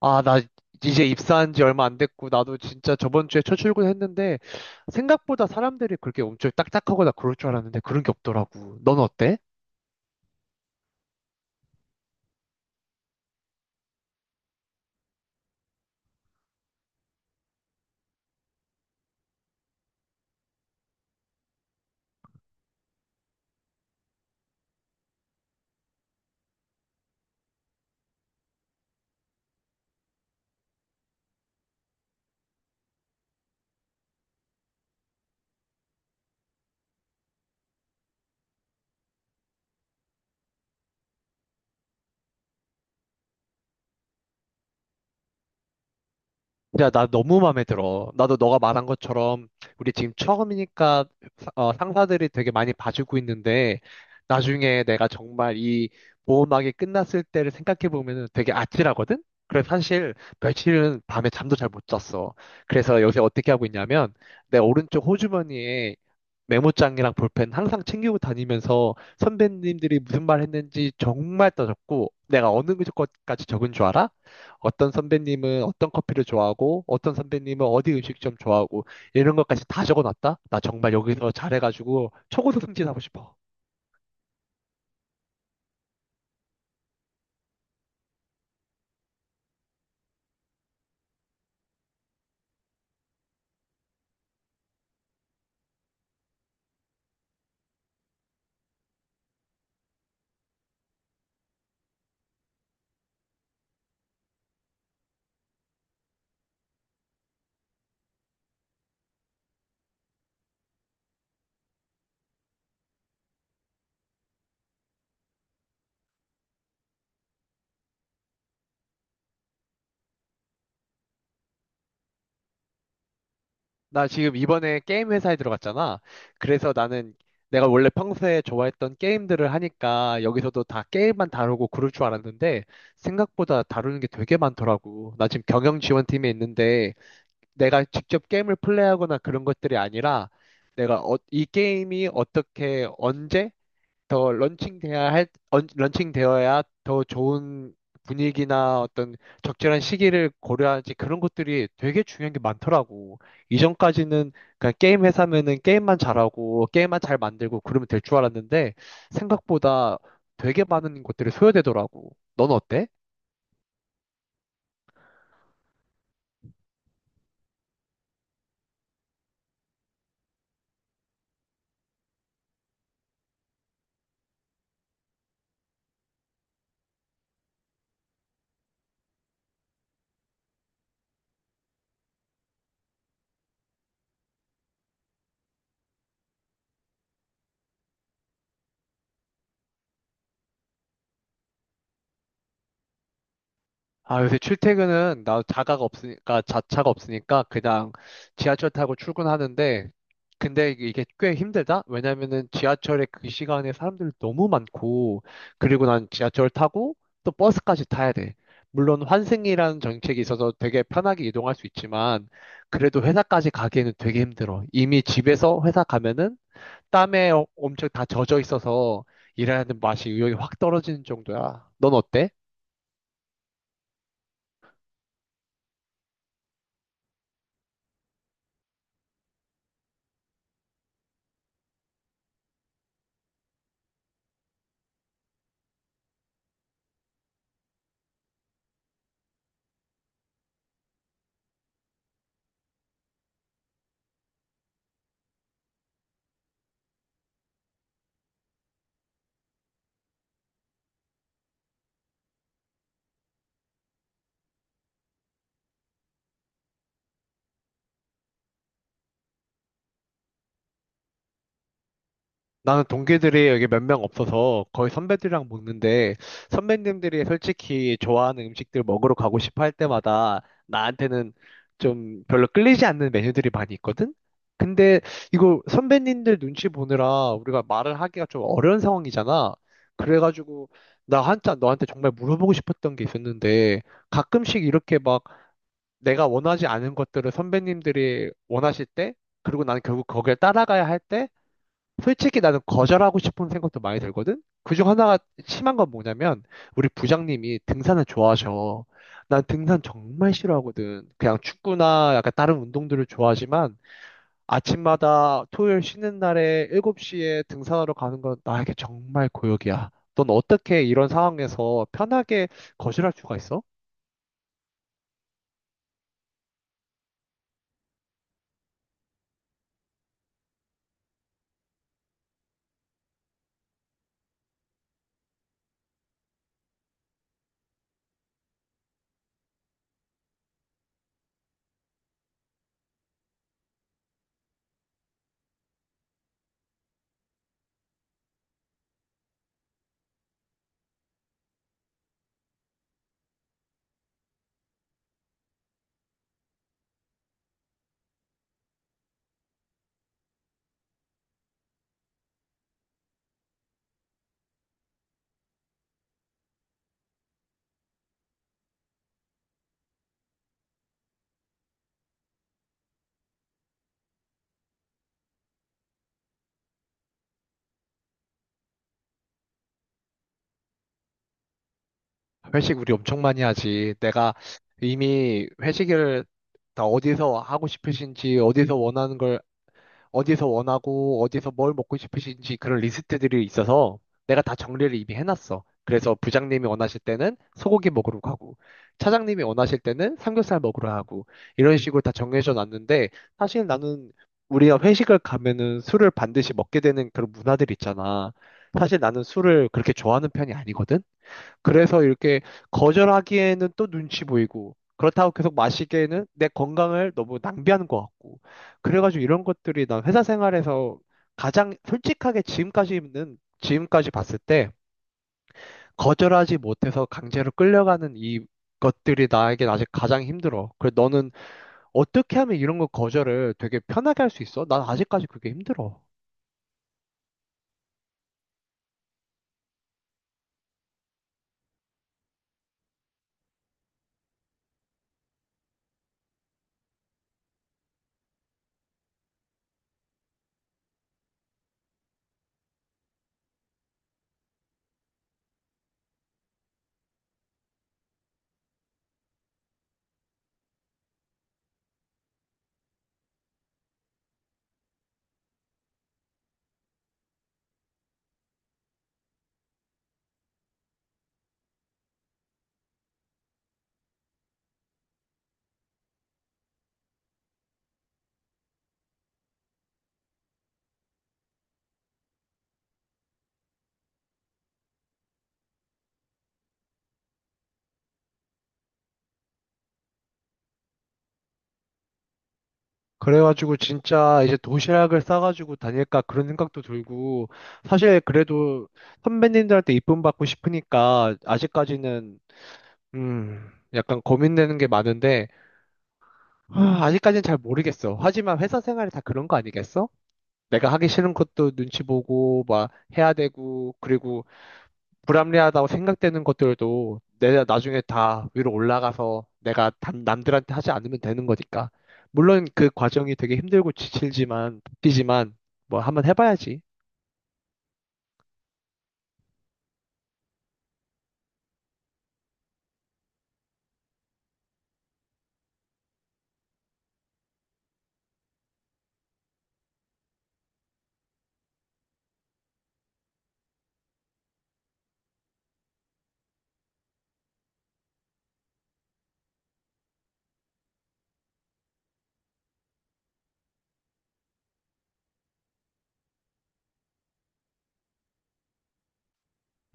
아, 나 이제 입사한 지 얼마 안 됐고, 나도 진짜 저번 주에 첫 출근했는데, 생각보다 사람들이 그렇게 엄청 딱딱하거나 그럴 줄 알았는데, 그런 게 없더라고. 넌 어때? 야, 나 너무 마음에 들어. 나도 너가 말한 것처럼, 우리 지금 처음이니까 상사들이 되게 많이 봐주고 있는데, 나중에 내가 정말 이 보험하게 끝났을 때를 생각해 보면 되게 아찔하거든? 그래서 사실 며칠은 밤에 잠도 잘 못 잤어. 그래서 요새 어떻게 하고 있냐면, 내 오른쪽 호주머니에 메모장이랑 볼펜 항상 챙기고 다니면서 선배님들이 무슨 말 했는지 정말 따졌고 내가 어느 것까지 적은 줄 알아? 어떤 선배님은 어떤 커피를 좋아하고 어떤 선배님은 어디 음식점 좋아하고 이런 것까지 다 적어놨다? 나 정말 여기서 잘해가지고 초고속 승진하고 싶어. 나 지금 이번에 게임 회사에 들어갔잖아. 그래서 나는 내가 원래 평소에 좋아했던 게임들을 하니까 여기서도 다 게임만 다루고 그럴 줄 알았는데 생각보다 다루는 게 되게 많더라고. 나 지금 경영 지원팀에 있는데 내가 직접 게임을 플레이하거나 그런 것들이 아니라 내가 이 게임이 어떻게 언제 더 런칭돼야 할, 런칭되어야 더 좋은 분위기나 어떤 적절한 시기를 고려하지 는 그런 것들이 되게 중요한 게 많더라고. 이전까지는 그냥 게임 회사면은 게임만 잘하고 게임만 잘 만들고 그러면 될 줄 알았는데 생각보다 되게 많은 것들이 소요되더라고. 넌 어때? 아, 요새 출퇴근은 나 자가가 없으니까, 자차가 없으니까 그냥 지하철 타고 출근하는데, 근데 이게 꽤 힘들다? 왜냐면은 지하철에 그 시간에 사람들 이 너무 많고, 그리고 난 지하철 타고 또 버스까지 타야 돼. 물론 환승이라는 정책이 있어서 되게 편하게 이동할 수 있지만, 그래도 회사까지 가기에는 되게 힘들어. 이미 집에서 회사 가면은 땀에 엄청 다 젖어 있어서 일하는 맛이 의욕이 확 떨어지는 정도야. 넌 어때? 나는 동기들이 여기 몇 명 없어서 거의 선배들이랑 먹는데 선배님들이 솔직히 좋아하는 음식들 먹으러 가고 싶어 할 때마다 나한테는 좀 별로 끌리지 않는 메뉴들이 많이 있거든? 근데 이거 선배님들 눈치 보느라 우리가 말을 하기가 좀 어려운 상황이잖아. 그래가지고 나 한참 너한테 정말 물어보고 싶었던 게 있었는데 가끔씩 이렇게 막 내가 원하지 않은 것들을 선배님들이 원하실 때 그리고 나는 결국 거기에 따라가야 할때 솔직히 나는 거절하고 싶은 생각도 많이 들거든? 그 중 하나가 심한 건 뭐냐면, 우리 부장님이 등산을 좋아하셔. 난 등산 정말 싫어하거든. 그냥 축구나 약간 다른 운동들을 좋아하지만, 아침마다 토요일 쉬는 날에 7시에 등산하러 가는 건 나에게 정말 고역이야. 넌 어떻게 이런 상황에서 편하게 거절할 수가 있어? 회식 우리 엄청 많이 하지. 내가 이미 회식을 다 어디서 하고 싶으신지, 어디서 원하는 걸 어디서 원하고 어디서 뭘 먹고 싶으신지 그런 리스트들이 있어서 내가 다 정리를 이미 해놨어. 그래서 부장님이 원하실 때는 소고기 먹으러 가고 차장님이 원하실 때는 삼겹살 먹으러 하고 이런 식으로 다 정해져 놨는데 사실 나는 우리가 회식을 가면은 술을 반드시 먹게 되는 그런 문화들 있잖아. 사실 나는 술을 그렇게 좋아하는 편이 아니거든. 그래서 이렇게 거절하기에는 또 눈치 보이고, 그렇다고 계속 마시기에는 내 건강을 너무 낭비하는 것 같고. 그래가지고 이런 것들이 난 회사 생활에서 가장 솔직하게 지금까지는, 지금까지 봤을 때, 거절하지 못해서 강제로 끌려가는 이 것들이 나에게 아직 가장 힘들어. 그래, 너는 어떻게 하면 이런 거 거절을 되게 편하게 할 수 있어? 난 아직까지 그게 힘들어. 그래가지고 진짜 이제 도시락을 싸가지고 다닐까 그런 생각도 들고 사실 그래도 선배님들한테 이쁨 받고 싶으니까 아직까지는 음 약간 고민되는 게 많은데 아, 아직까지는 잘 모르겠어. 하지만 회사 생활이 다 그런 거 아니겠어? 내가 하기 싫은 것도 눈치 보고 막 해야 되고 그리고 불합리하다고 생각되는 것들도 내가 나중에 다 위로 올라가서 내가 남들한테 하지 않으면 되는 거니까. 물론 그 과정이 되게 힘들고 지칠지만 지만 뭐 한번 해봐야지.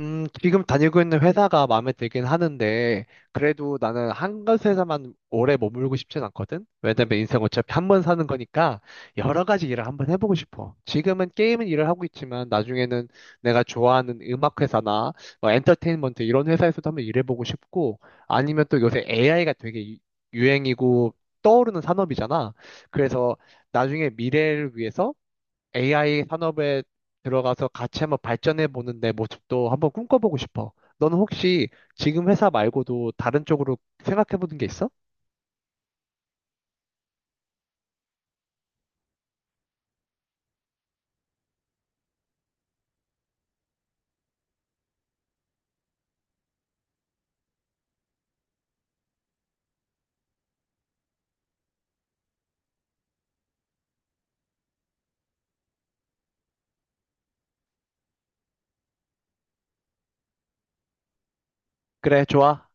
지금 다니고 있는 회사가 마음에 들긴 하는데, 그래도 나는 한 가지 회사만 오래 머물고 싶진 않거든? 왜냐면 인생 어차피 한 번 사는 거니까, 여러 가지 일을 한번 해보고 싶어. 지금은 게임은 일을 하고 있지만, 나중에는 내가 좋아하는 음악 회사나, 뭐 엔터테인먼트 이런 회사에서도 한번 일해보고 싶고, 아니면 또 요새 AI가 되게 유행이고, 떠오르는 산업이잖아. 그래서 나중에 미래를 위해서 AI 산업에 들어가서 같이 한번 발전해 보는 내 모습도 한번 꿈꿔보고 싶어. 너는 혹시 지금 회사 말고도 다른 쪽으로 생각해 보는 게 있어? 그래, 좋아.